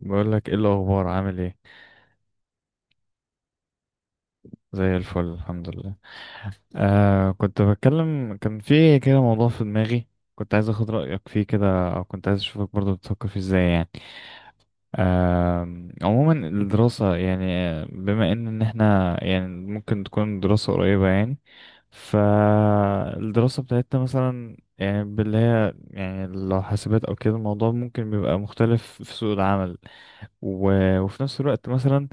بقول لك ايه؟ الاخبار، عامل ايه؟ زي الفل، الحمد لله. كنت بتكلم، كان في كده موضوع في دماغي. كنت عايز اخد رايك فيه كده، او كنت عايز اشوفك برضو بتفكر فيه ازاي يعني. عموما الدراسه يعني، بما ان احنا يعني ممكن تكون دراسه قريبه يعني. فالدراسه بتاعتنا مثلا، يعني باللي هي يعني، لو حاسبات او كده الموضوع ممكن بيبقى مختلف في سوق العمل. و... وفي نفس الوقت مثلا،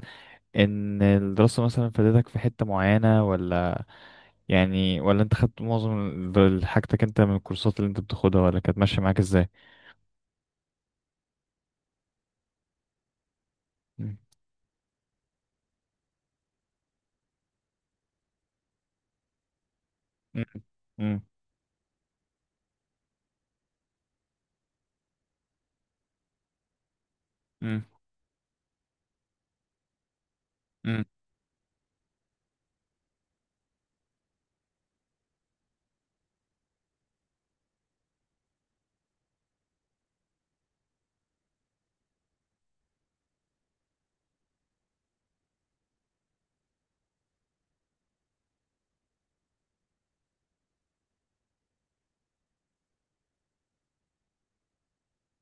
ان الدراسة مثلا فادتك في حتة معينة ولا، يعني، ولا انت خدت معظم حاجتك انت من الكورسات اللي انت بتاخدها، ولا كانت ماشية معاك ازاي؟ مم. مم. مم. مم.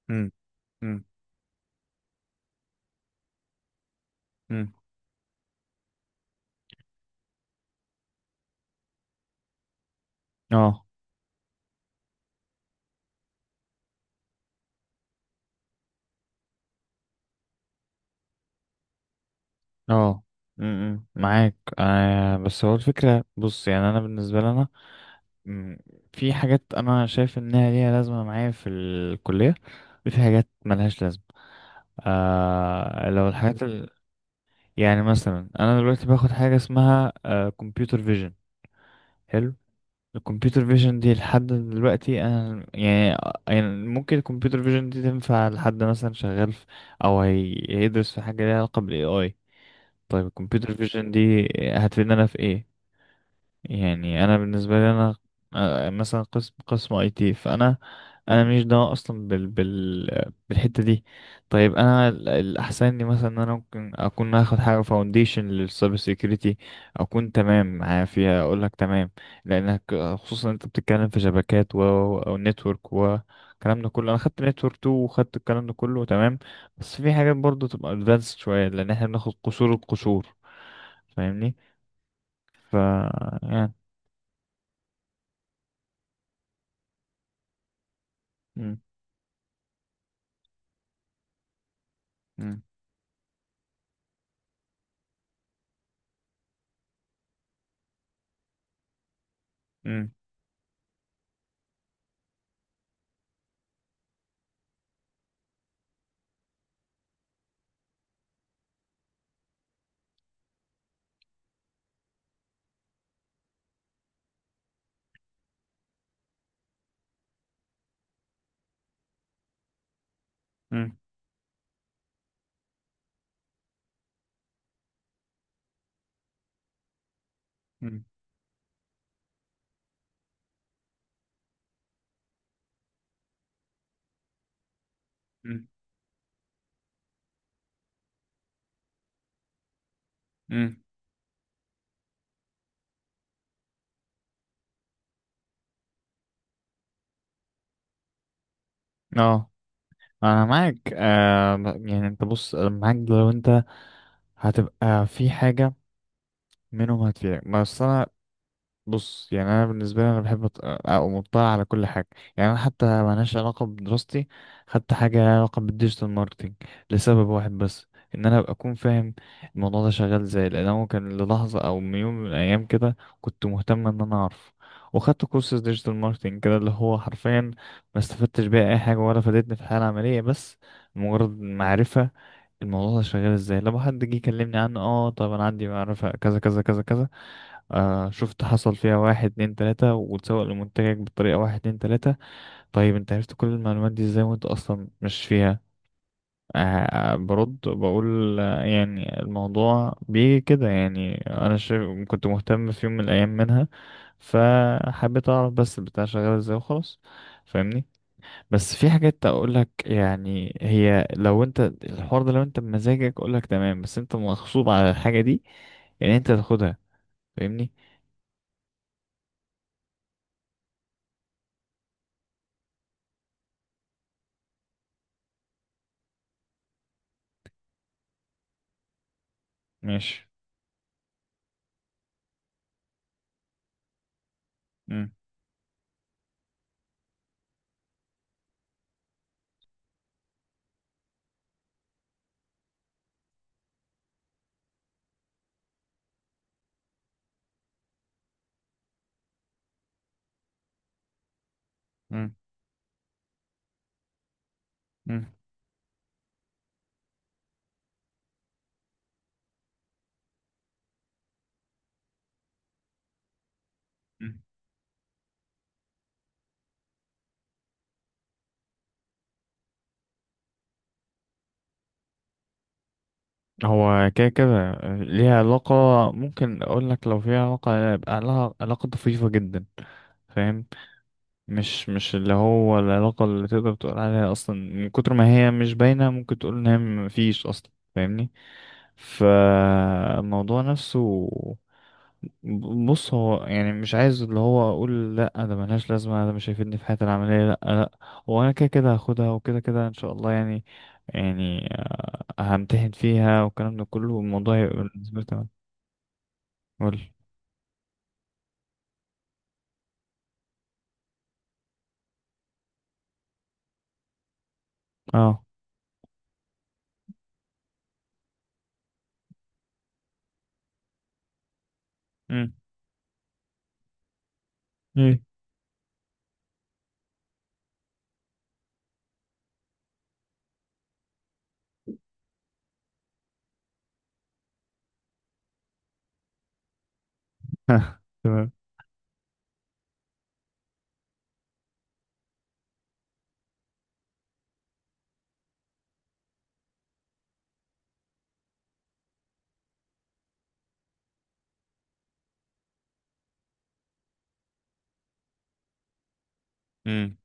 مم. مم. مم. اه. اه. مم. مم. معاك، آه، بس هو الفكرة، بص، يعني انا بالنسبة لي انا، مم، في حاجات انا شايف انها ليها لازمة معايا في الكلية، وفي حاجات ملهاش لازمة. آه، لو الحاجات، يعني مثلا انا دلوقتي باخد حاجه اسمها كمبيوتر فيجن. حلو. الكمبيوتر فيجن دي لحد دلوقتي انا يعني ممكن الكمبيوتر فيجن دي تنفع لحد مثلا شغال في، او هيدرس في حاجه ليها علاقه بالاي اي. طيب الكمبيوتر فيجن دي هتفيدنا في ايه؟ يعني انا بالنسبه لي انا، مثلا قسم اي تي، فانا انا مش ده اصلا بالحته دي. طيب انا الاحسن لي مثلا ان انا ممكن اكون اخد حاجه فاونديشن للسايبر سيكيورتي، اكون تمام معايا فيها اقول لك تمام، لانك خصوصا انت بتتكلم في شبكات و، او نتورك و، الكلام ده كله، انا خدت نتورك 2 وخدت الكلام ده كله تمام. بس في حاجات برضه تبقى ادفانسد شويه، لان احنا بناخد قشور القشور. فاهمني؟ ف يعني. مم. مم. مم. مم. مم. مم. مم. اه. انا معاك، يعني انت، بص، أنا معاك لو انت هتبقى في حاجة منهم هتفيدك، بس انا، بص، يعني انا بالنسبه لي انا بحب اقوم مطلع على كل حاجه. يعني انا حتى ملهاش علاقه بدراستي، خدت حاجه لها علاقه بالديجيتال ماركتنج لسبب واحد بس، ان انا ابقى اكون فاهم الموضوع ده شغال ازاي، لان هو كان للحظه، او من يوم من الايام كده، كنت مهتم ان انا اعرف. وخدت كورس ديجيتال ماركتنج كده، اللي هو حرفيا ما استفدتش بيه اي حاجه ولا فادتني في الحياه العمليه، بس مجرد معرفه الموضوع ده شغال ازاي لما حد جه يكلمني عنه. اه، طب انا عندي معرفة كذا كذا كذا كذا. آه، شفت حصل فيها واحد اتنين تلاتة وتسوق لمنتجك بطريقة واحد اتنين تلاتة. طيب انت عرفت كل المعلومات دي ازاي وانت اصلا مش فيها؟ آه برد بقول يعني الموضوع بيجي كده، يعني انا شايف كنت مهتم في يوم من الايام منها، فحبيت اعرف بس البتاع شغال ازاي وخلاص. فاهمني؟ بس في حاجات اقول لك، يعني، هي لو انت الحوار ده لو انت بمزاجك اقول لك تمام، بس انت مغصوب على الحاجة دي، يعني انت تاخدها. فاهمني؟ ماشي. مم. مم. مم. هو كده كده ليها علاقة. ممكن أقول لك لو فيها علاقة يبقى لها علاقة طفيفة جدا. فاهم؟ مش اللي هو العلاقة اللي تقدر تقول عليها، أصلا من كتر ما هي مش باينة ممكن تقول إن هي مفيش أصلا. فاهمني؟ فالموضوع نفسه، بص، هو يعني مش عايز اللي هو أقول لأ ده ملهاش لازمة، ده مش هيفيدني في حياتي العملية. لأ، لأ، هو أنا كده كده هاخدها وكده كده إن شاء الله، يعني، يعني همتحن فيها والكلام ده كله، والموضوع هيبقى بالنسبة لي تمام. قول. اه. امم. امم. تمام. امم.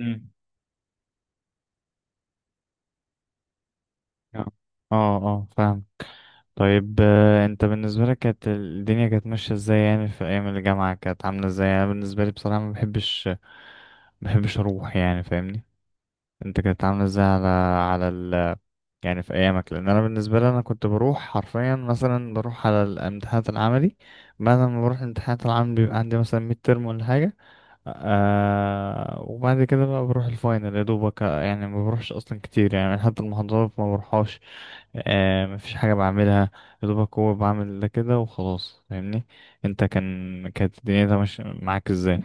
امم. اه. اه. آه، فاهم. طيب، انت بالنسبة لك كانت الدنيا كانت ماشية ازاي يعني في ايام الجامعة؟ كانت عاملة ازاي؟ انا بالنسبة لي بصراحة ما بحبش اروح، يعني، فاهمني؟ انت كانت عاملة ازاي على على ال... يعني في ايامك؟ لان انا بالنسبة لي انا كنت بروح حرفيا مثلا بروح على الامتحانات العملي، بعد ما بروح الامتحانات العملي بيبقى عندي مثلا ميد ترم ولا حاجة. وبعد كده بقى بروح الفاينل يا دوبك. يعني ما بروحش اصلا كتير، يعني حتى المحاضرات ما بروحهاش. ما فيش حاجه بعملها، يا دوبك هو بعمل ده كده وخلاص. فاهمني؟ انت كانت الدنيا ماشيه معاك ازاي؟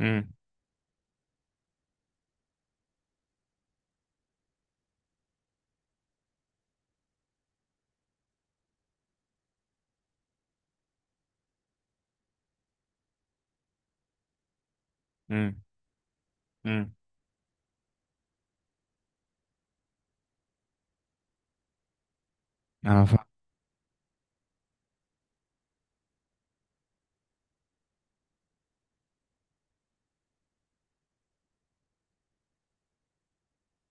امم. امم. امم. انا فاهم.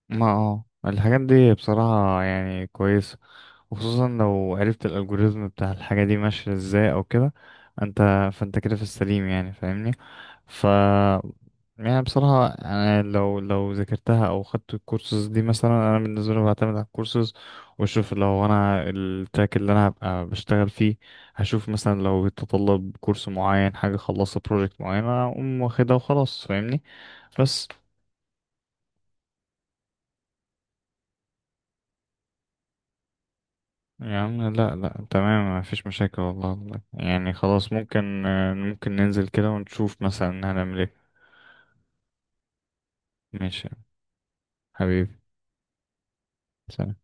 ما الحاجات دي بصراحة يعني كويسة، وخصوصا لو عرفت الالجوريزم بتاع الحاجة دي ماشية ازاي او كده. انت فانت كده في السليم، يعني، فاهمني؟ ف يعني بصراحة أنا لو ذاكرتها أو خدت الكورسز دي، مثلا أنا بالنسبة لي بعتمد على الكورسز وأشوف لو أنا التراك اللي أنا هبقى بشتغل فيه، هشوف مثلا لو يتطلب كورس معين حاجة، خلصت بروجكت معين أنا أقوم واخدها وخلاص. فاهمني؟ بس يعني، لا لا تمام، مفيش مشاكل والله. والله يعني خلاص، ممكن ننزل كده ونشوف مثلا هنعمل ايه. ماشي. حبيبي. سلام.